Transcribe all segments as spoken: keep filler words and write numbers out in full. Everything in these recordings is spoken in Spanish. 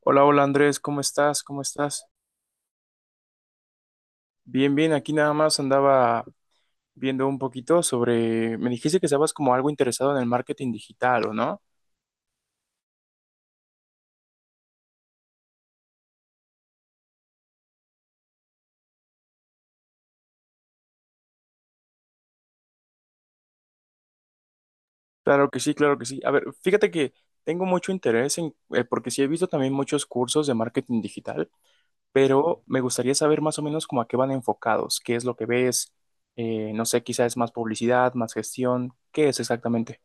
Hola, hola Andrés, ¿cómo estás? ¿Cómo estás? Bien, bien, aquí nada más andaba viendo un poquito sobre, me dijiste que estabas como algo interesado en el marketing digital, ¿o no? Claro que sí, claro que sí. A ver, fíjate que tengo mucho interés en, eh, porque sí he visto también muchos cursos de marketing digital, pero me gustaría saber más o menos como a qué van enfocados, qué es lo que ves, eh, no sé, quizás es más publicidad, más gestión, ¿qué es exactamente?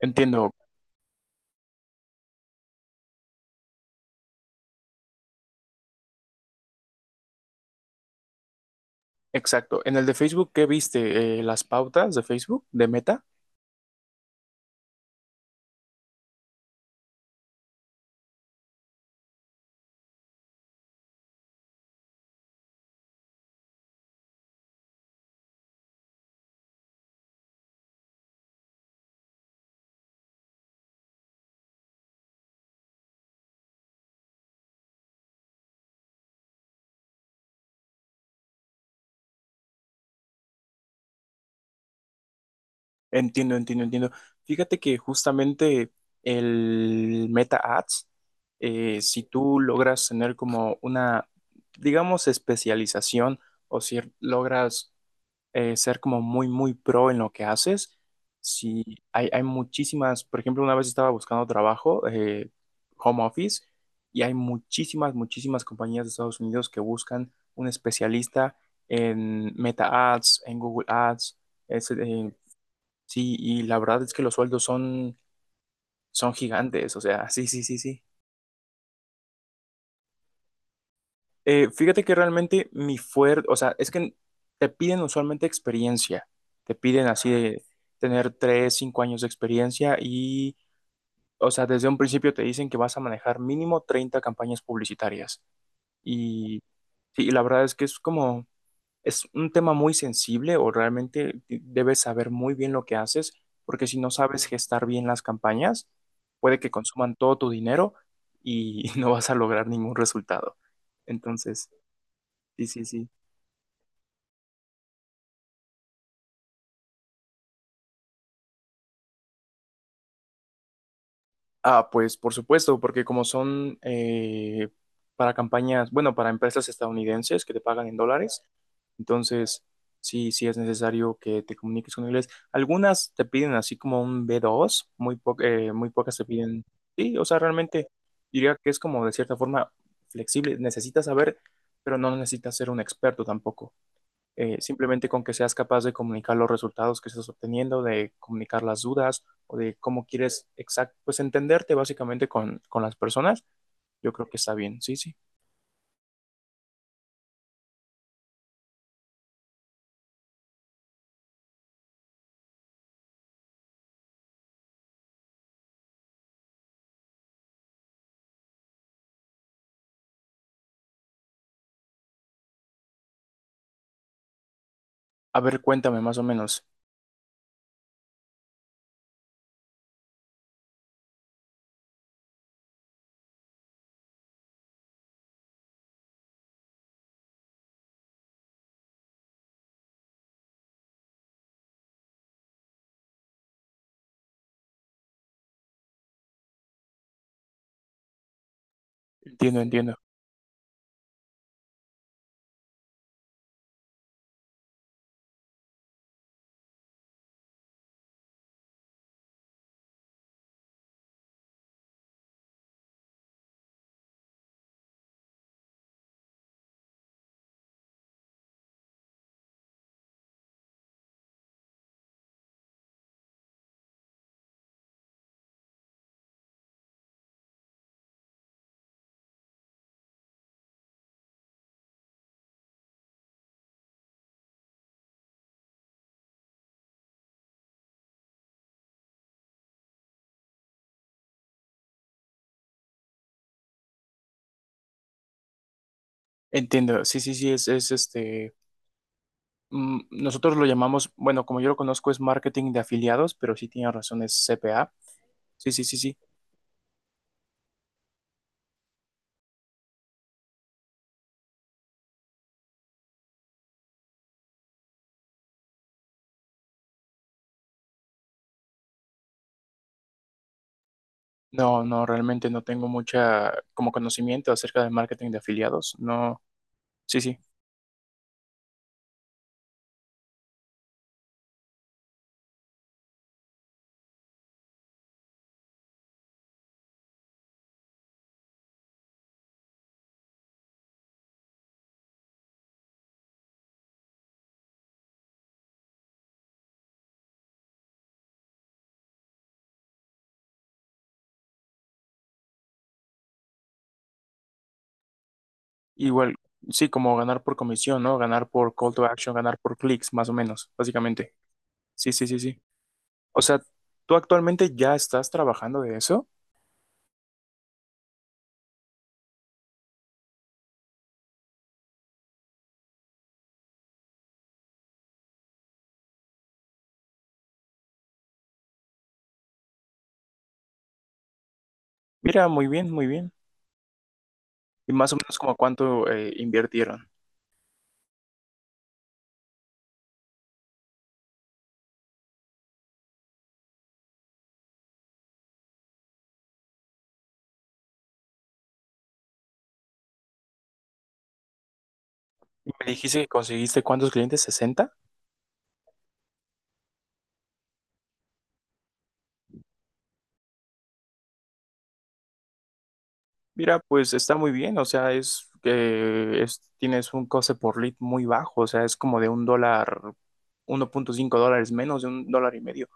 Entiendo, exacto. En el de Facebook, ¿qué viste? Eh, ¿las pautas de Facebook, de Meta? Entiendo, entiendo, entiendo. Fíjate que justamente el Meta Ads, eh, si tú logras tener como una, digamos, especialización o si logras eh, ser como muy, muy pro en lo que haces, si hay, hay muchísimas, por ejemplo, una vez estaba buscando trabajo, eh, home office, y hay muchísimas, muchísimas compañías de Estados Unidos que buscan un especialista en Meta Ads, en Google Ads. Sí, y la verdad es que los sueldos son, son gigantes, o sea, sí, sí, sí, sí. Eh, fíjate que realmente mi fuerte, o sea, es que te piden usualmente experiencia, te piden así de tener tres, cinco años de experiencia y, o sea, desde un principio te dicen que vas a manejar mínimo treinta campañas publicitarias. Y sí, la verdad es que es como, es un tema muy sensible o realmente de- debes saber muy bien lo que haces, porque si no sabes gestar bien las campañas, puede que consuman todo tu dinero y no vas a lograr ningún resultado. Entonces, sí, sí, sí. Ah, pues por supuesto, porque como son eh, para campañas, bueno, para empresas estadounidenses que te pagan en dólares. Entonces, sí, sí es necesario que te comuniques con inglés. Algunas te piden así como un b dos muy, po- eh, muy pocas te piden, sí, o sea, realmente diría que es como de cierta forma flexible. Necesitas saber, pero no necesitas ser un experto tampoco. Eh, simplemente con que seas capaz de comunicar los resultados que estás obteniendo, de comunicar las dudas o de cómo quieres exact pues entenderte básicamente con, con las personas, yo creo que está bien, sí, sí. A ver, cuéntame más o menos. Entiendo, entiendo. Entiendo, sí, sí, sí, es, es este, mm, nosotros lo llamamos, bueno, como yo lo conozco es marketing de afiliados, pero sí tiene razón, es C P A. Sí, sí, sí, sí. No, no, realmente no tengo mucha como conocimiento acerca del marketing de afiliados. No, sí, sí. Igual, sí, como ganar por comisión, ¿no? Ganar por call to action, ganar por clics, más o menos, básicamente. Sí, sí, sí, sí. O sea, ¿tú actualmente ya estás trabajando de eso? Mira, muy bien, muy bien. Y más o menos como cuánto eh, invirtieron. Y me dijiste que conseguiste cuántos clientes, sesenta. Mira, pues está muy bien, o sea, es que es- tienes un coste por lead muy bajo, o sea, es como de un dólar, uno punto cinco dólares menos de un dólar y medio.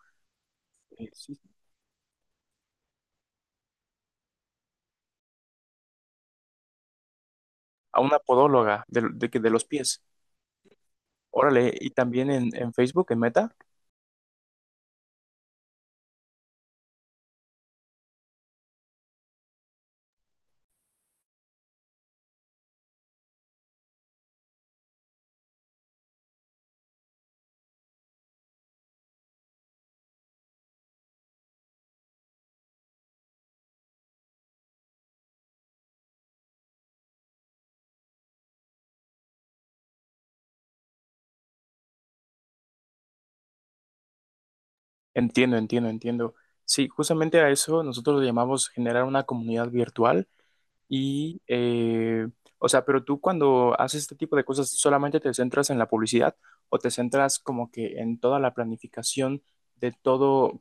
Eh, sí. A una podóloga de, de, que- de los pies. Órale, y también en, en Facebook, en Meta. Entiendo, entiendo, entiendo. Sí, justamente a eso nosotros le llamamos generar una comunidad virtual. Y, eh, o sea, pero tú cuando haces este tipo de cosas, ¿solamente te centras en la publicidad o te centras como que en toda la planificación de todo,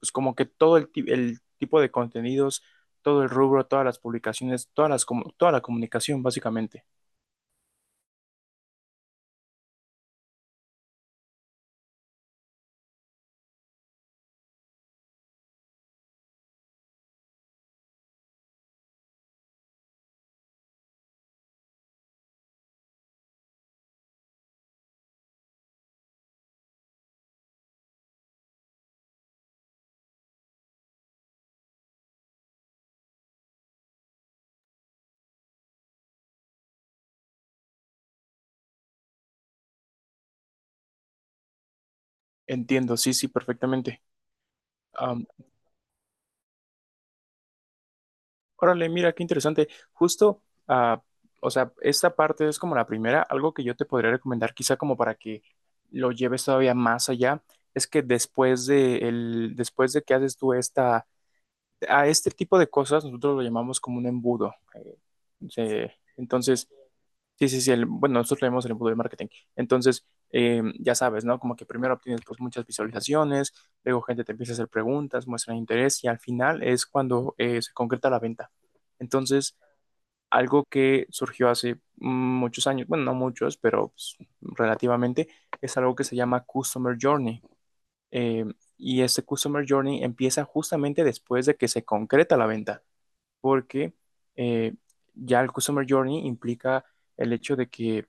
pues como que todo el, ti- el tipo de contenidos, todo el rubro, todas las publicaciones, todas las, comu- toda la comunicación, básicamente? Entiendo, sí, sí, perfectamente. Órale, mira, qué interesante. Justo, ah, o sea, esta parte es como la primera. Algo que yo te podría recomendar, quizá como para que lo lleves todavía más allá, es que después de el, después de que haces tú esta, a este tipo de cosas, nosotros lo llamamos como un embudo. Eh, se- entonces, sí, sí, sí. El- bueno, nosotros leemos el embudo de marketing. Entonces, eh, ya sabes, ¿no? Como que primero obtienes pues muchas visualizaciones, luego gente te empieza a hacer preguntas, muestran interés y al final es cuando eh, se concreta la venta. Entonces, algo que surgió hace mm, muchos años, bueno, no muchos, pero pues, relativamente, es algo que se llama Customer Journey. Eh, y este Customer Journey empieza justamente después de que se concreta la venta, porque eh, ya el Customer Journey implica el hecho de que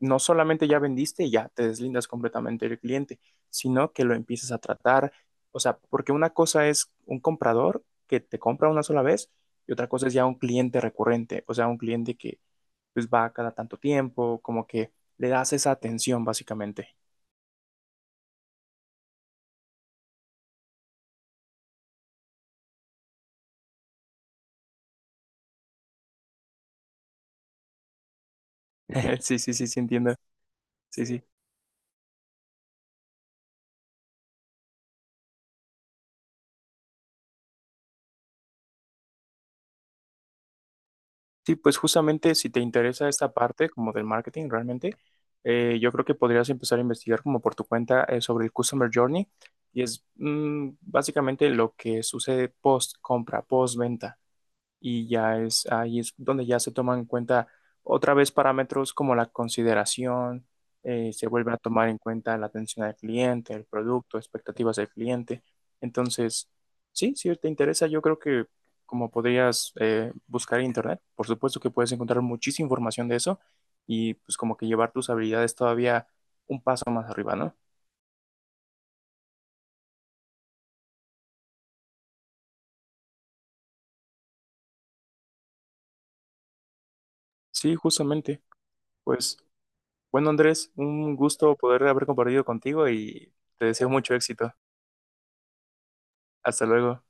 no solamente ya vendiste y ya te deslindas completamente del cliente, sino que lo empiezas a tratar, o sea, porque una cosa es un comprador que te compra una sola vez y otra cosa es ya un cliente recurrente, o sea, un cliente que pues va cada tanto tiempo, como que le das esa atención básicamente. Sí, sí, sí, sí, entiendo. Sí, sí. Sí, pues justamente si te interesa esta parte como del marketing realmente, eh, yo creo que podrías empezar a investigar como por tu cuenta eh, sobre el Customer Journey y es mm, básicamente lo que sucede post compra, post venta y ya es ahí es donde ya se toman en cuenta otra vez parámetros como la consideración, eh, se vuelve a tomar en cuenta la atención al cliente, el producto, expectativas del cliente. Entonces, sí, si te interesa, yo creo que como podrías eh, buscar en internet, por supuesto que puedes encontrar muchísima información de eso y pues como que llevar tus habilidades todavía un paso más arriba, ¿no? Sí, justamente. Pues bueno, Andrés, un gusto poder haber compartido contigo y te deseo mucho éxito. Hasta luego.